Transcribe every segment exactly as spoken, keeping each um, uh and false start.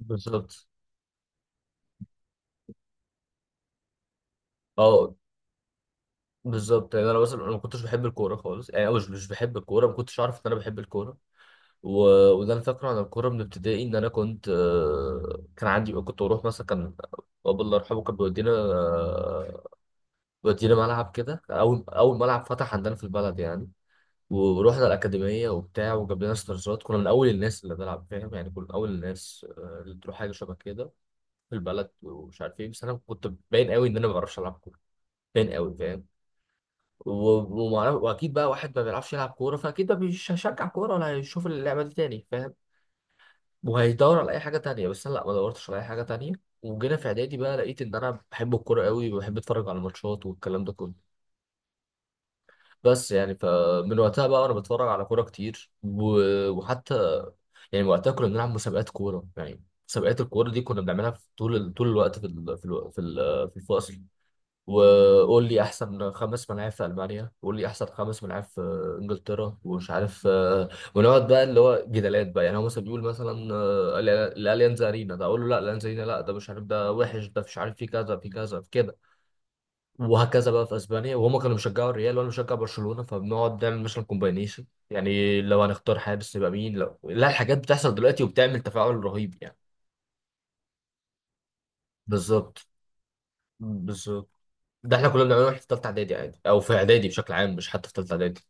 بالظبط. اه، بالظبط. يعني انا مثلا انا ما كنتش بحب الكوره خالص يعني، أو مش مش بحب الكوره، ما كنتش اعرف ان انا بحب الكوره. و... وده انا فاكره عن الكوره من ابتدائي، ان انا كنت، آه، كان عندي، كنت بروح مثلا، كان بابا الله يرحمه كان بيودينا آه، بيودينا ملعب كده، اول اول ملعب فتح عندنا في البلد يعني. ورحنا الاكاديميه وبتاع، وجاب لنا استرزات، كنا من اول الناس اللي بنلعب، فاهم يعني، كنا من اول الناس آه، اللي تروح حاجه شبه كده في البلد، ومش عارف ايه. بس انا كنت باين قوي ان انا ما بعرفش العب كوره، باين قوي، فاهم. و- ومعرف، واكيد بقى واحد ما بيعرفش يلعب كوره، فاكيد ما مش هشجع كوره ولا هيشوف اللعبه دي تاني، فاهم. وهيدور على اي حاجه تانية، بس انا لا، ما دورتش على اي حاجه تانية. وجينا في اعدادي بقى، لقيت ان انا بحب الكوره قوي، وبحب اتفرج على الماتشات والكلام ده كله. بس يعني فمن وقتها بقى وانا بتفرج على كوره كتير، و- وحتى يعني وقتها كنا بنلعب مسابقات كوره، يعني مسابقات الكوره دي كنا بنعملها في طول ال- طول الوقت في ال- في الو- في ال- في الفصل. وقول لي احسن خمس ملاعب في المانيا، وقول لي احسن خمس ملاعب في انجلترا، ومش عارف آه، ونقعد بقى اللي هو جدالات بقى، يعني هو مثلا بيقول مثلا، آه، ال- الاليانز ارينا، ده اقول له لا الاليانز ارينا لا، ده مش عارف، ده وحش، ده مش عارف، في كذا في كذا في كده. وهكذا بقى في اسبانيا، وهما كانوا بيشجعوا الريال وانا بشجع برشلونه، فبنقعد نعمل مثلا كومباينيشن، يعني لو هنختار حارس يبقى مين، لو لا، الحاجات بتحصل دلوقتي وبتعمل تفاعل رهيب يعني. بالظبط. بالظبط، ده احنا كنا بنعمله واحنا في ثالثه اعدادي عادي، او في اعدادي بشكل عام، مش حتى في ثالثه اعدادي.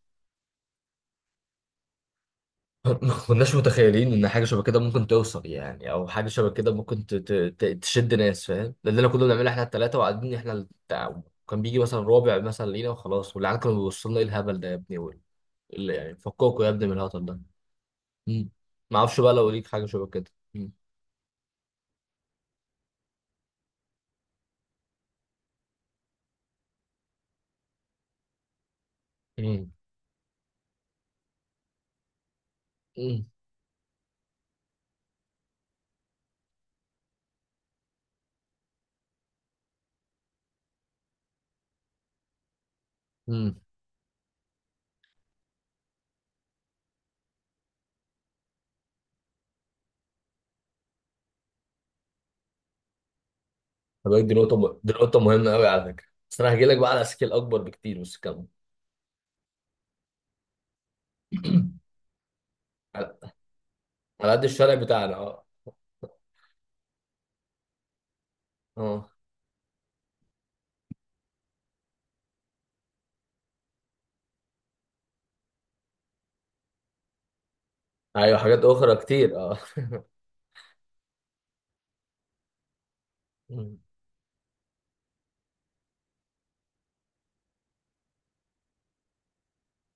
ما كناش متخيلين ان حاجه شبه كده ممكن توصل يعني، او حاجه شبه كده ممكن ت- ت- ت- تشد ناس، فاهم. ده اللي كنا بنعمله احنا الثلاثه، وقاعدين احنا التع... كان بيجي مثلا رابع مثلا لينا وخلاص، والعيال كانوا بيبصوا لنا ايه الهبل ده يا ابني، وال- اللي يعني فكوكوا يا ابني من الهطل ده. مم. ما اعرفش بقى لو ليك حاجه شبه كده. مم. مم. مم. مم. طب دي نقطه م... دي نقطه مهمه قوي على فكره. بس انا هجي لك بقى على سكيل اكبر بكتير، بس كمل. على على قد الشارع بتاعنا اه. اه. ايوه، حاجات اخرى كتير اه. مم.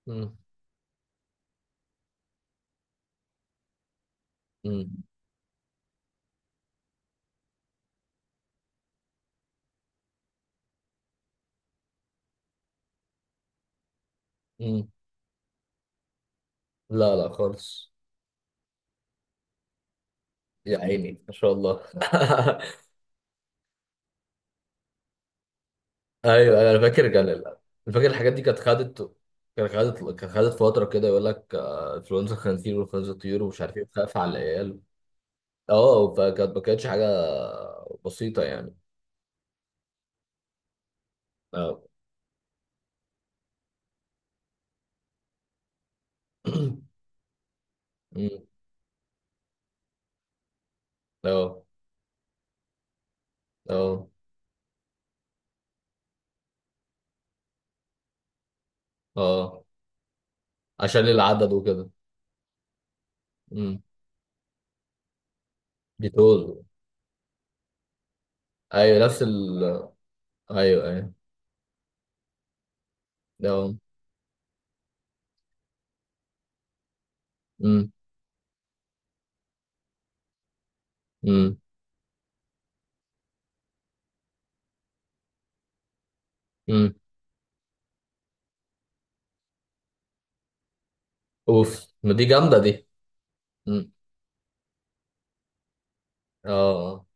مم. مم. مم. لا لا خالص. يا عيني ما شاء الله. ايوه، انا فاكر كان ال- أنا فاكر الحاجات دي كانت خدت كانت خدت كانت خدت فتره كده. يقول لك آه، انفلونزا خنزير وانفلونزا طيور ومش عارف ايه، بتخاف على العيال. اه، فكانت ما كانتش حاجه بسيطه يعني. اه. مم. اه. اه. اه، عشان العدد وكده. مم. بيتوزوا. ايوه، نفس ال. ايوه ايوه. اه. مم. مم. مم. اوف، ما دي جامده دي. اه.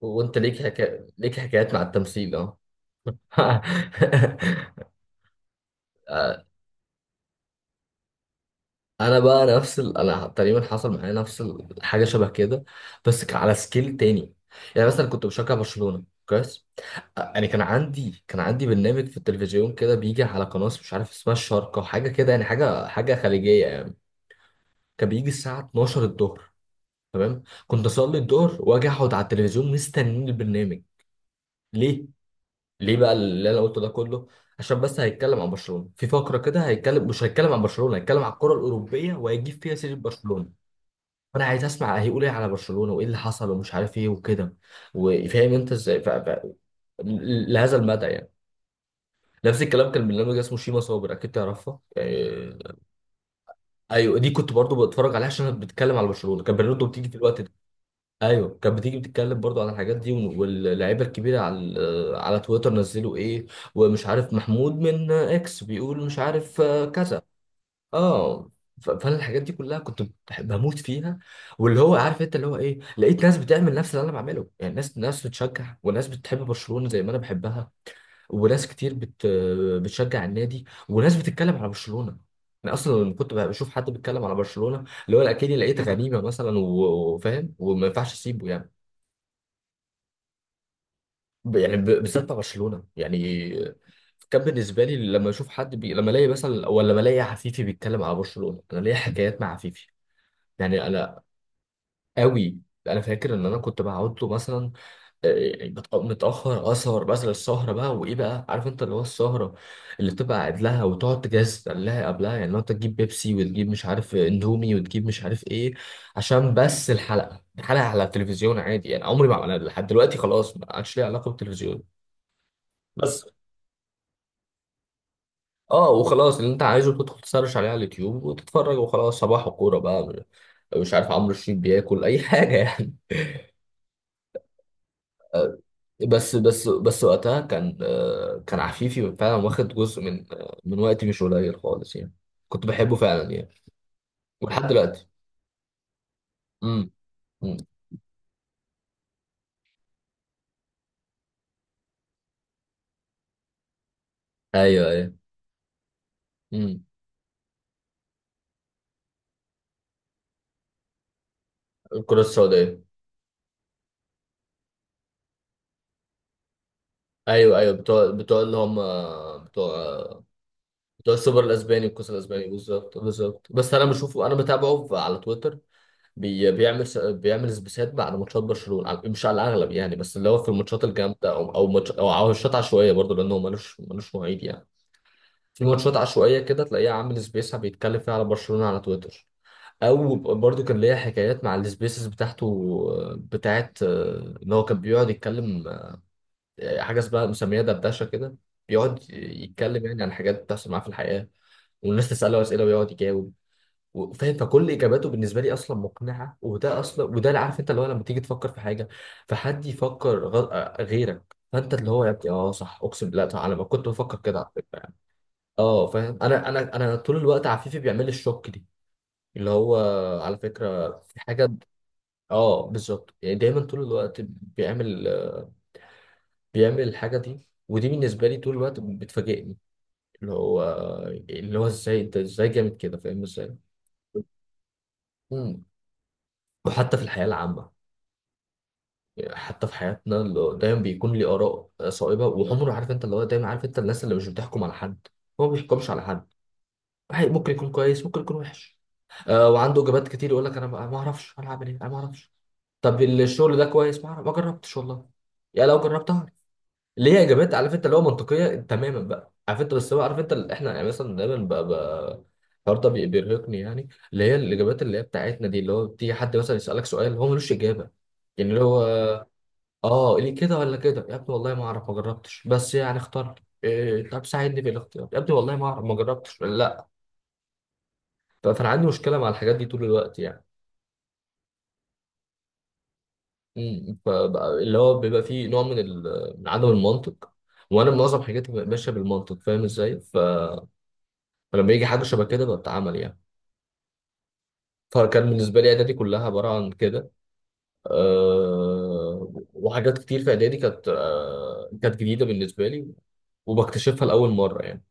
وانت ليك حكا... ليك حكايات مع التمثيل اه. انا بقى نفس ال... انا تقريبا حصل معايا نفس الحاجه شبه كده، بس كان على سكيل تاني. يعني مثلا كنت بشجع برشلونه كويس، يعني كان عندي، كان عندي برنامج في التلفزيون كده بيجي على قناه مش عارف اسمها الشارقه وحاجه كده، يعني حاجه حاجه خليجيه يعني. كان بيجي الساعه اتناشر الظهر، تمام، كنت اصلي الظهر واجي اقعد على التلفزيون مستنيين البرنامج. ليه؟ ليه بقى اللي انا قلته ده كله؟ عشان بس هيتكلم عن برشلونه في فقره كده، هيتكلم، مش هيتكلم عن برشلونه، هيتكلم عن الكره الاوروبيه وهيجيب فيها سيره برشلونه. فانا عايز اسمع هيقول ايه على برشلونه وايه اللي حصل ومش عارف ايه وكده. وفاهم انت ازاي، ف... ف... لهذا المدى يعني. نفس الكلام، كان برنامج اسمه شيما صابر، اكيد تعرفها آه، ايوه، دي كنت برضو بتفرج عليها عشان بتتكلم على برشلونه، كان برنامج بتيجي في الوقت ده. ايوه كانت بتيجي، بتتكلم برضو عن الحاجات دي، واللعيبه الكبيره على على تويتر نزلوا ايه، ومش عارف محمود من اكس بيقول مش عارف آه، كذا. اه. ف- فانا الحاجات دي كلها كنت بح- بموت فيها. واللي هو عارف انت، اللي هو ايه، لقيت ناس بتعمل نفس اللي انا بعمله، يعني ناس ناس بتشجع وناس بتحب برشلونه زي ما انا بحبها، وناس كتير بت بتشجع النادي، وناس بتتكلم على برشلونه. انا اصلا لما كنت بشوف حد بيتكلم على برشلونه اللي هو اكني لقيت غنيمه مثلا، و- وفاهم، وما ينفعش اسيبه يعني. ب- يعني ب- بالذات مع برشلونه يعني. كان بالنسبه لي لما اشوف حد بي... لما الاقي مثلا، ولا لما الاقي عفيفي بيتكلم على برشلونه، انا ليا حكايات مع عفيفي. يعني انا قوي. انا فاكر ان انا كنت بقعد له مثلا، آه، بت- متاخر، اسهر مثلا السهره بقى، وايه بقى، عارف انت اللي هو السهره اللي بتبقى قاعد لها وتقعد تجهز لها قبلها، يعني لو انت تجيب بيبسي وتجيب مش عارف اندومي وتجيب مش عارف ايه. عشان بس الحلقه، الحلقه على التلفزيون عادي يعني. عمري ما، لحد دلوقتي خلاص، ما عادش ليها علاقه بالتلفزيون. بس اه، وخلاص اللي انت عايزه بتدخل تسرش عليه على اليوتيوب وتتفرج، وخلاص، صباح وكوره بقى. مش عارف عمرو الشريف بياكل اي حاجه يعني. آه، بس بس بس وقتها كان، آه، كان عفيفي فعلا واخد جزء من، آه، من وقتي مش قليل خالص يعني. كنت بحبه فعلا يعني. ولحد دلوقتي. امم. أمم. ايوه ايوه. امم الكره السوداء. ايوه ايوه بتوع، بتوع اللي هم بتوع بتوع السوبر الاسباني والكاس الاسباني بالظبط بالظبط. بس انا بشوفه، انا بتابعه ف- على تويتر. بي بيعمل س- بيعمل سبيسات بعد ماتشات برشلونه على- مش على الاغلب يعني، بس اللي هو في الماتشات الجامده، او او ماتش او أو ماتشات عشوائيه برضه، لانه ملوش ملوش مواعيد يعني. في ماتشات عشوائيه كده تلاقيه عامل سبيس بيتكلم فيها على برشلونه على تويتر. او برضه كان ليا حكايات مع السبيسز بتاعته، آه، بتاعت آه، ان هو كان بيقعد يتكلم، آه، حاجه اسمها مسميه دردشه كده، بيقعد يتكلم يعني عن حاجات بتحصل معاه في الحياه، والناس تساله اسئله ويقعد يجاوب. وفاهم، فكل اجاباته بالنسبه لي اصلا مقنعه. وده اصلا، وده اللي، عارف انت اللي هو لما تيجي تفكر في حاجه فحد يفكر غ... آه، غيرك، فانت اللي هو يا ابني اه صح، اقسم بالله صح، انا ما كنت بفكر كده على فكره يعني. اه فاهم، انا انا انا طول الوقت، عفيفي بيعمل لي الشوك دي، اللي هو، على فكره في حاجه. اه بالظبط، يعني دايما طول الوقت بيعمل، بيعمل الحاجه دي. ودي بالنسبه لي طول الوقت بتفاجئني. اللي هو اللي هو ازاي انت، ازاي جامد كده، فاهم، ازاي. مم. وحتى في الحياه العامه، حتى في حياتنا اللي دايما بيكون لي آراء صائبة، وعمره، عارف انت اللي هو دايما عارف انت الناس اللي مش بتحكم على حد، هو ما بيحكمش على حد. واحد ممكن يكون كويس، ممكن يكون وحش. آه، وعنده إجابات كتير يقول لك انا ما ما اعرفش انا هعمل ايه، انا ما اعرفش. طب الشغل ده كويس؟ ما اعرف، ما جربتش والله. يا لو جربت اعرف. اللي هي إجابات عارف انت اللي هو منطقية تماما بقى، عارف انت، بس هو عارف انت اللي احنا يعني مثلا دايما بقى بقى. الحوار ده بي- بيرهقني يعني، اللي هي الإجابات اللي هي بتاعتنا دي، اللي هو بتيجي حد مثلا يسألك سؤال هو ملوش إجابة، يعني اللي هو اه ليه كده ولا كده يا ابني والله ما اعرف ما جربتش، بس يعني اخترت إيه، طب ساعدني في الاختيار يا ابني، والله ما اعرف ما جربتش ولا لا. ف- فانا عندي مشكله مع الحاجات دي طول الوقت يعني. أمم، فبقى- اللي هو بيبقى فيه نوع من ال- من عدم المنطق. وانا معظم حاجاتي ببقى ماشيه بالمنطق، فاهم ازاي. ف- فلما يجي حاجه شبه كده بتعمل يعني. فكان بالنسبه لي اعدادي كلها عباره عن كده. أه، وحاجات كتير في اعدادي كانت، أه كانت جديده بالنسبه لي وبكتشفها لاول مره يعني.